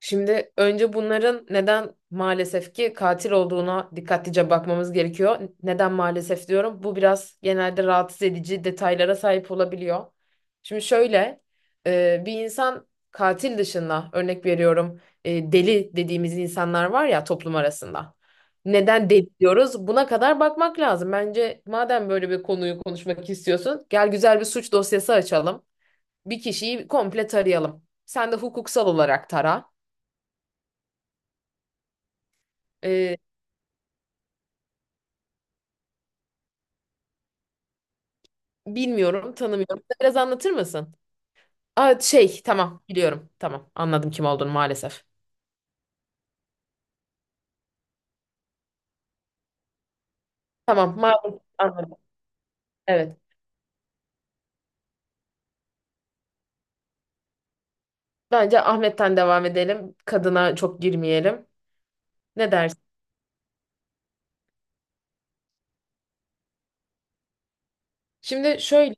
Şimdi önce bunların neden maalesef ki katil olduğuna dikkatlice bakmamız gerekiyor. Neden maalesef diyorum? Bu biraz genelde rahatsız edici detaylara sahip olabiliyor. Şimdi şöyle bir insan katil dışında örnek veriyorum, deli dediğimiz insanlar var ya toplum arasında. Neden deli diyoruz? Buna kadar bakmak lazım. Bence madem böyle bir konuyu konuşmak istiyorsun, gel güzel bir suç dosyası açalım. Bir kişiyi komple tarayalım. Sen de hukuksal olarak tara. Ee, Bilmiyorum, tanımıyorum. Biraz anlatır mısın? Aa, şey, tamam, biliyorum. Tamam, anladım kim olduğunu maalesef. Tamam, maalesef anladım. Evet. Bence Ahmet'ten devam edelim. Kadına çok girmeyelim. Ne dersin? Şimdi şöyle,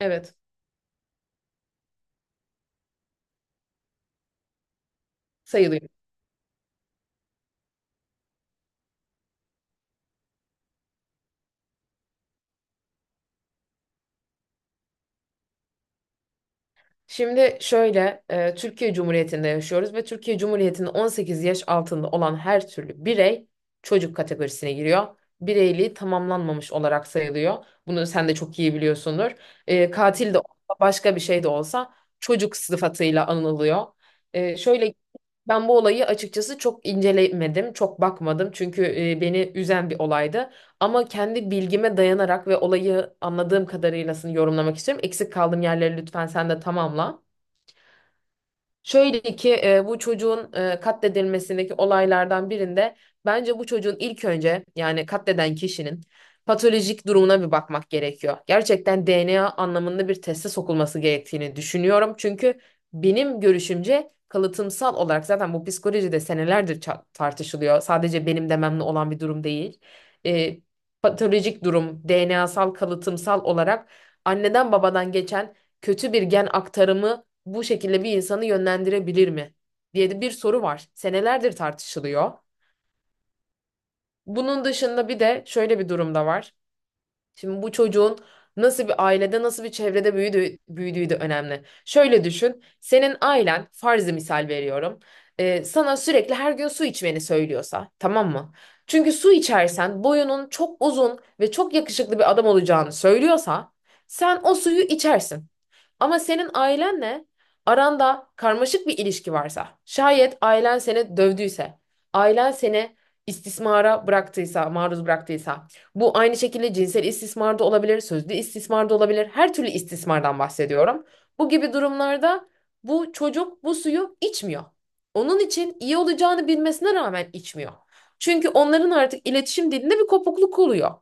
evet, sayılıyor. Şimdi şöyle, Türkiye Cumhuriyeti'nde yaşıyoruz ve Türkiye Cumhuriyeti'nin 18 yaş altında olan her türlü birey çocuk kategorisine giriyor. Bireyliği tamamlanmamış olarak sayılıyor. Bunu sen de çok iyi biliyorsundur. Katil de olsa, başka bir şey de olsa çocuk sıfatıyla anılıyor. E, şöyle Ben bu olayı açıkçası çok incelemedim, çok bakmadım çünkü beni üzen bir olaydı. Ama kendi bilgime dayanarak ve olayı anladığım kadarıyla yorumlamak istiyorum. Eksik kaldığım yerleri lütfen sen de tamamla. Şöyle ki bu çocuğun katledilmesindeki olaylardan birinde bence bu çocuğun ilk önce yani katleden kişinin patolojik durumuna bir bakmak gerekiyor. Gerçekten DNA anlamında bir teste sokulması gerektiğini düşünüyorum. Çünkü benim görüşümce kalıtımsal olarak zaten bu psikolojide senelerdir tartışılıyor. Sadece benim dememle olan bir durum değil. E, Patolojik durum, DNA'sal, kalıtımsal olarak anneden babadan geçen kötü bir gen aktarımı bu şekilde bir insanı yönlendirebilir mi diye de bir soru var. Senelerdir tartışılıyor. Bunun dışında bir de şöyle bir durum da var. Şimdi bu çocuğun nasıl bir ailede, nasıl bir çevrede büyüdüğü, büyüdüğü de önemli. Şöyle düşün, senin ailen, farzı misal veriyorum, sana sürekli her gün su içmeni söylüyorsa, tamam mı? Çünkü su içersen boyunun çok uzun ve çok yakışıklı bir adam olacağını söylüyorsa, sen o suyu içersin. Ama senin ailenle aranda karmaşık bir ilişki varsa, şayet ailen seni dövdüyse, ailen seni istismara bıraktıysa, maruz bıraktıysa, bu aynı şekilde cinsel istismar da olabilir, sözlü istismar da olabilir, her türlü istismardan bahsediyorum. Bu gibi durumlarda bu çocuk bu suyu içmiyor. Onun için iyi olacağını bilmesine rağmen içmiyor. Çünkü onların artık iletişim dilinde bir kopukluk oluyor.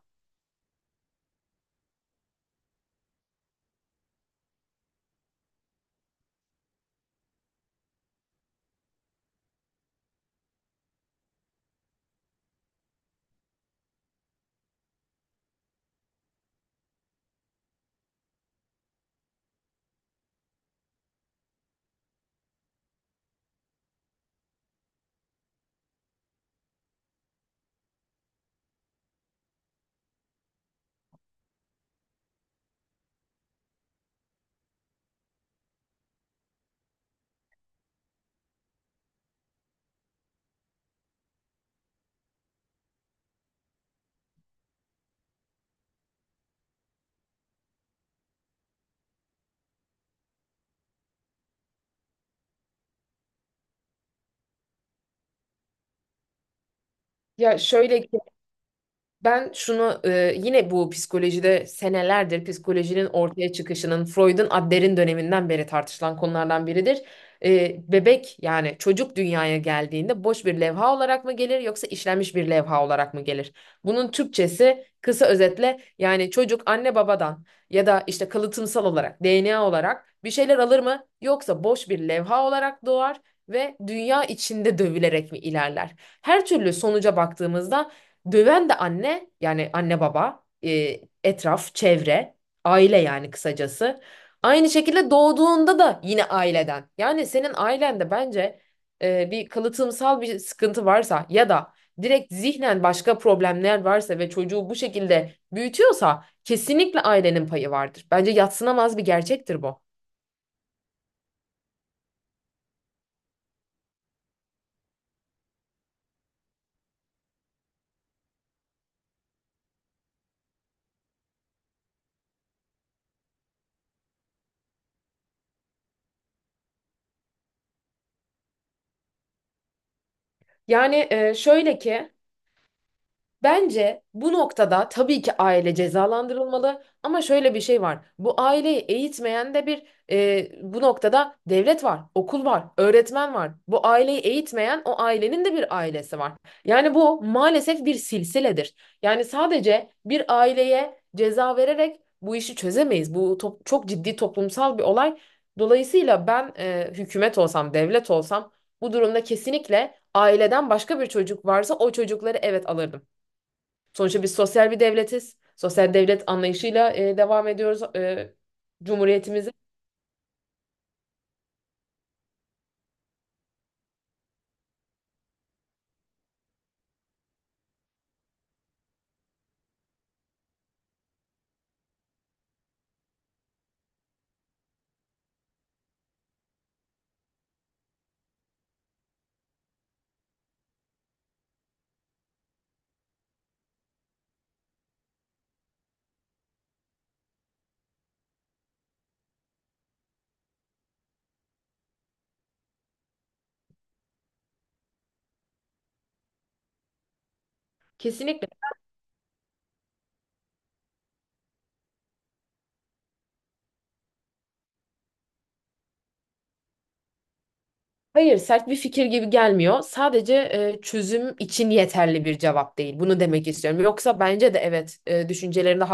Ya şöyle, ben şunu yine bu psikolojide senelerdir psikolojinin ortaya çıkışının Freud'un Adler'in döneminden beri tartışılan konulardan biridir. Bebek yani çocuk dünyaya geldiğinde boş bir levha olarak mı gelir yoksa işlenmiş bir levha olarak mı gelir? Bunun Türkçesi kısa özetle yani çocuk anne babadan ya da işte kalıtımsal olarak DNA olarak bir şeyler alır mı yoksa boş bir levha olarak doğar ve dünya içinde dövülerek mi ilerler? Her türlü sonuca baktığımızda döven de anne yani anne baba, etraf, çevre, aile yani kısacası. Aynı şekilde doğduğunda da yine aileden. Yani senin ailende bence bir kalıtımsal bir sıkıntı varsa ya da direkt zihnen başka problemler varsa ve çocuğu bu şekilde büyütüyorsa kesinlikle ailenin payı vardır. Bence yadsınamaz bir gerçektir bu. Yani şöyle ki bence bu noktada tabii ki aile cezalandırılmalı ama şöyle bir şey var. Bu aileyi eğitmeyen de bir e, Bu noktada devlet var, okul var, öğretmen var. Bu aileyi eğitmeyen o ailenin de bir ailesi var. Yani bu maalesef bir silsiledir. Yani sadece bir aileye ceza vererek bu işi çözemeyiz. Çok ciddi toplumsal bir olay. Dolayısıyla ben hükümet olsam, devlet olsam bu durumda kesinlikle aileden başka bir çocuk varsa o çocukları evet alırdım. Sonuçta biz sosyal bir devletiz. Sosyal devlet anlayışıyla devam ediyoruz Cumhuriyetimize. Kesinlikle. Hayır, sert bir fikir gibi gelmiyor. Sadece çözüm için yeterli bir cevap değil. Bunu demek istiyorum. Yoksa bence de evet, düşüncelerinde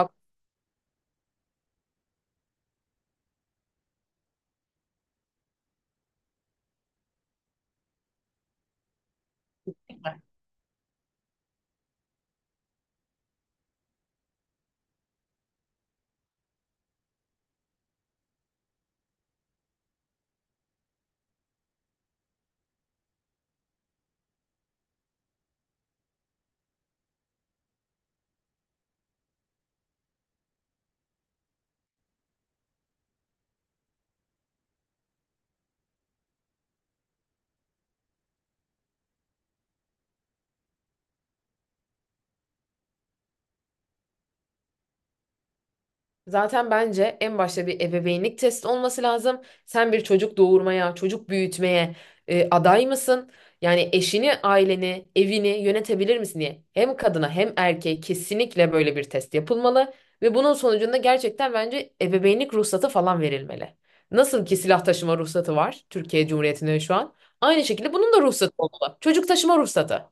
zaten bence en başta bir ebeveynlik testi olması lazım. Sen bir çocuk doğurmaya, çocuk büyütmeye aday mısın? Yani eşini, aileni, evini yönetebilir misin diye. Hem kadına hem erkeğe kesinlikle böyle bir test yapılmalı ve bunun sonucunda gerçekten bence ebeveynlik ruhsatı falan verilmeli. Nasıl ki silah taşıma ruhsatı var Türkiye Cumhuriyeti'nde şu an. Aynı şekilde bunun da ruhsatı olmalı. Çocuk taşıma ruhsatı.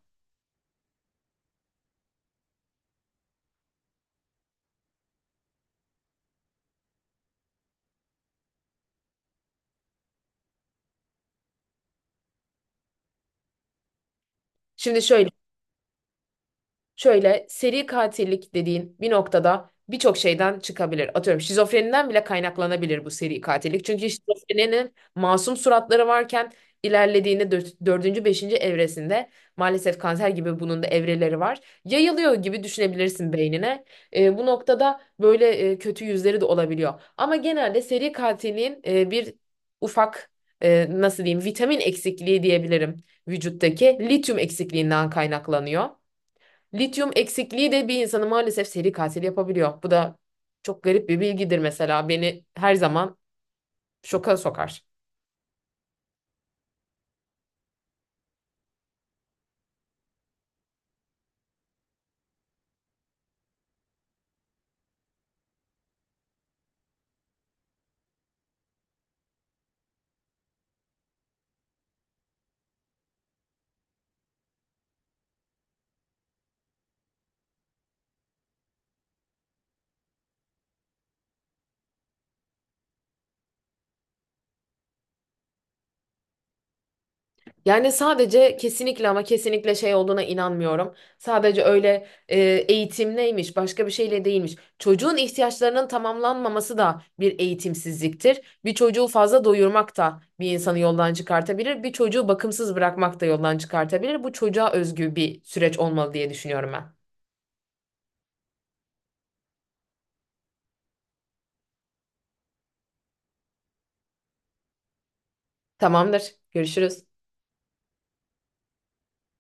Şimdi şöyle, şöyle seri katillik dediğin bir noktada birçok şeyden çıkabilir. Atıyorum şizofreniden bile kaynaklanabilir bu seri katillik. Çünkü şizofreninin masum suratları varken ilerlediğinde dördüncü, beşinci evresinde maalesef kanser gibi bunun da evreleri var. Yayılıyor gibi düşünebilirsin beynine. Bu noktada böyle kötü yüzleri de olabiliyor. Ama genelde seri katilliğin bir ufak, nasıl diyeyim, vitamin eksikliği diyebilirim, vücuttaki lityum eksikliğinden kaynaklanıyor. Lityum eksikliği de bir insanı maalesef seri katil yapabiliyor. Bu da çok garip bir bilgidir mesela. Beni her zaman şoka sokar. Yani sadece kesinlikle ama kesinlikle şey olduğuna inanmıyorum. Sadece öyle eğitim neymiş, başka bir şeyle değilmiş. Çocuğun ihtiyaçlarının tamamlanmaması da bir eğitimsizliktir. Bir çocuğu fazla doyurmak da bir insanı yoldan çıkartabilir. Bir çocuğu bakımsız bırakmak da yoldan çıkartabilir. Bu çocuğa özgü bir süreç olmalı diye düşünüyorum ben. Tamamdır. Görüşürüz.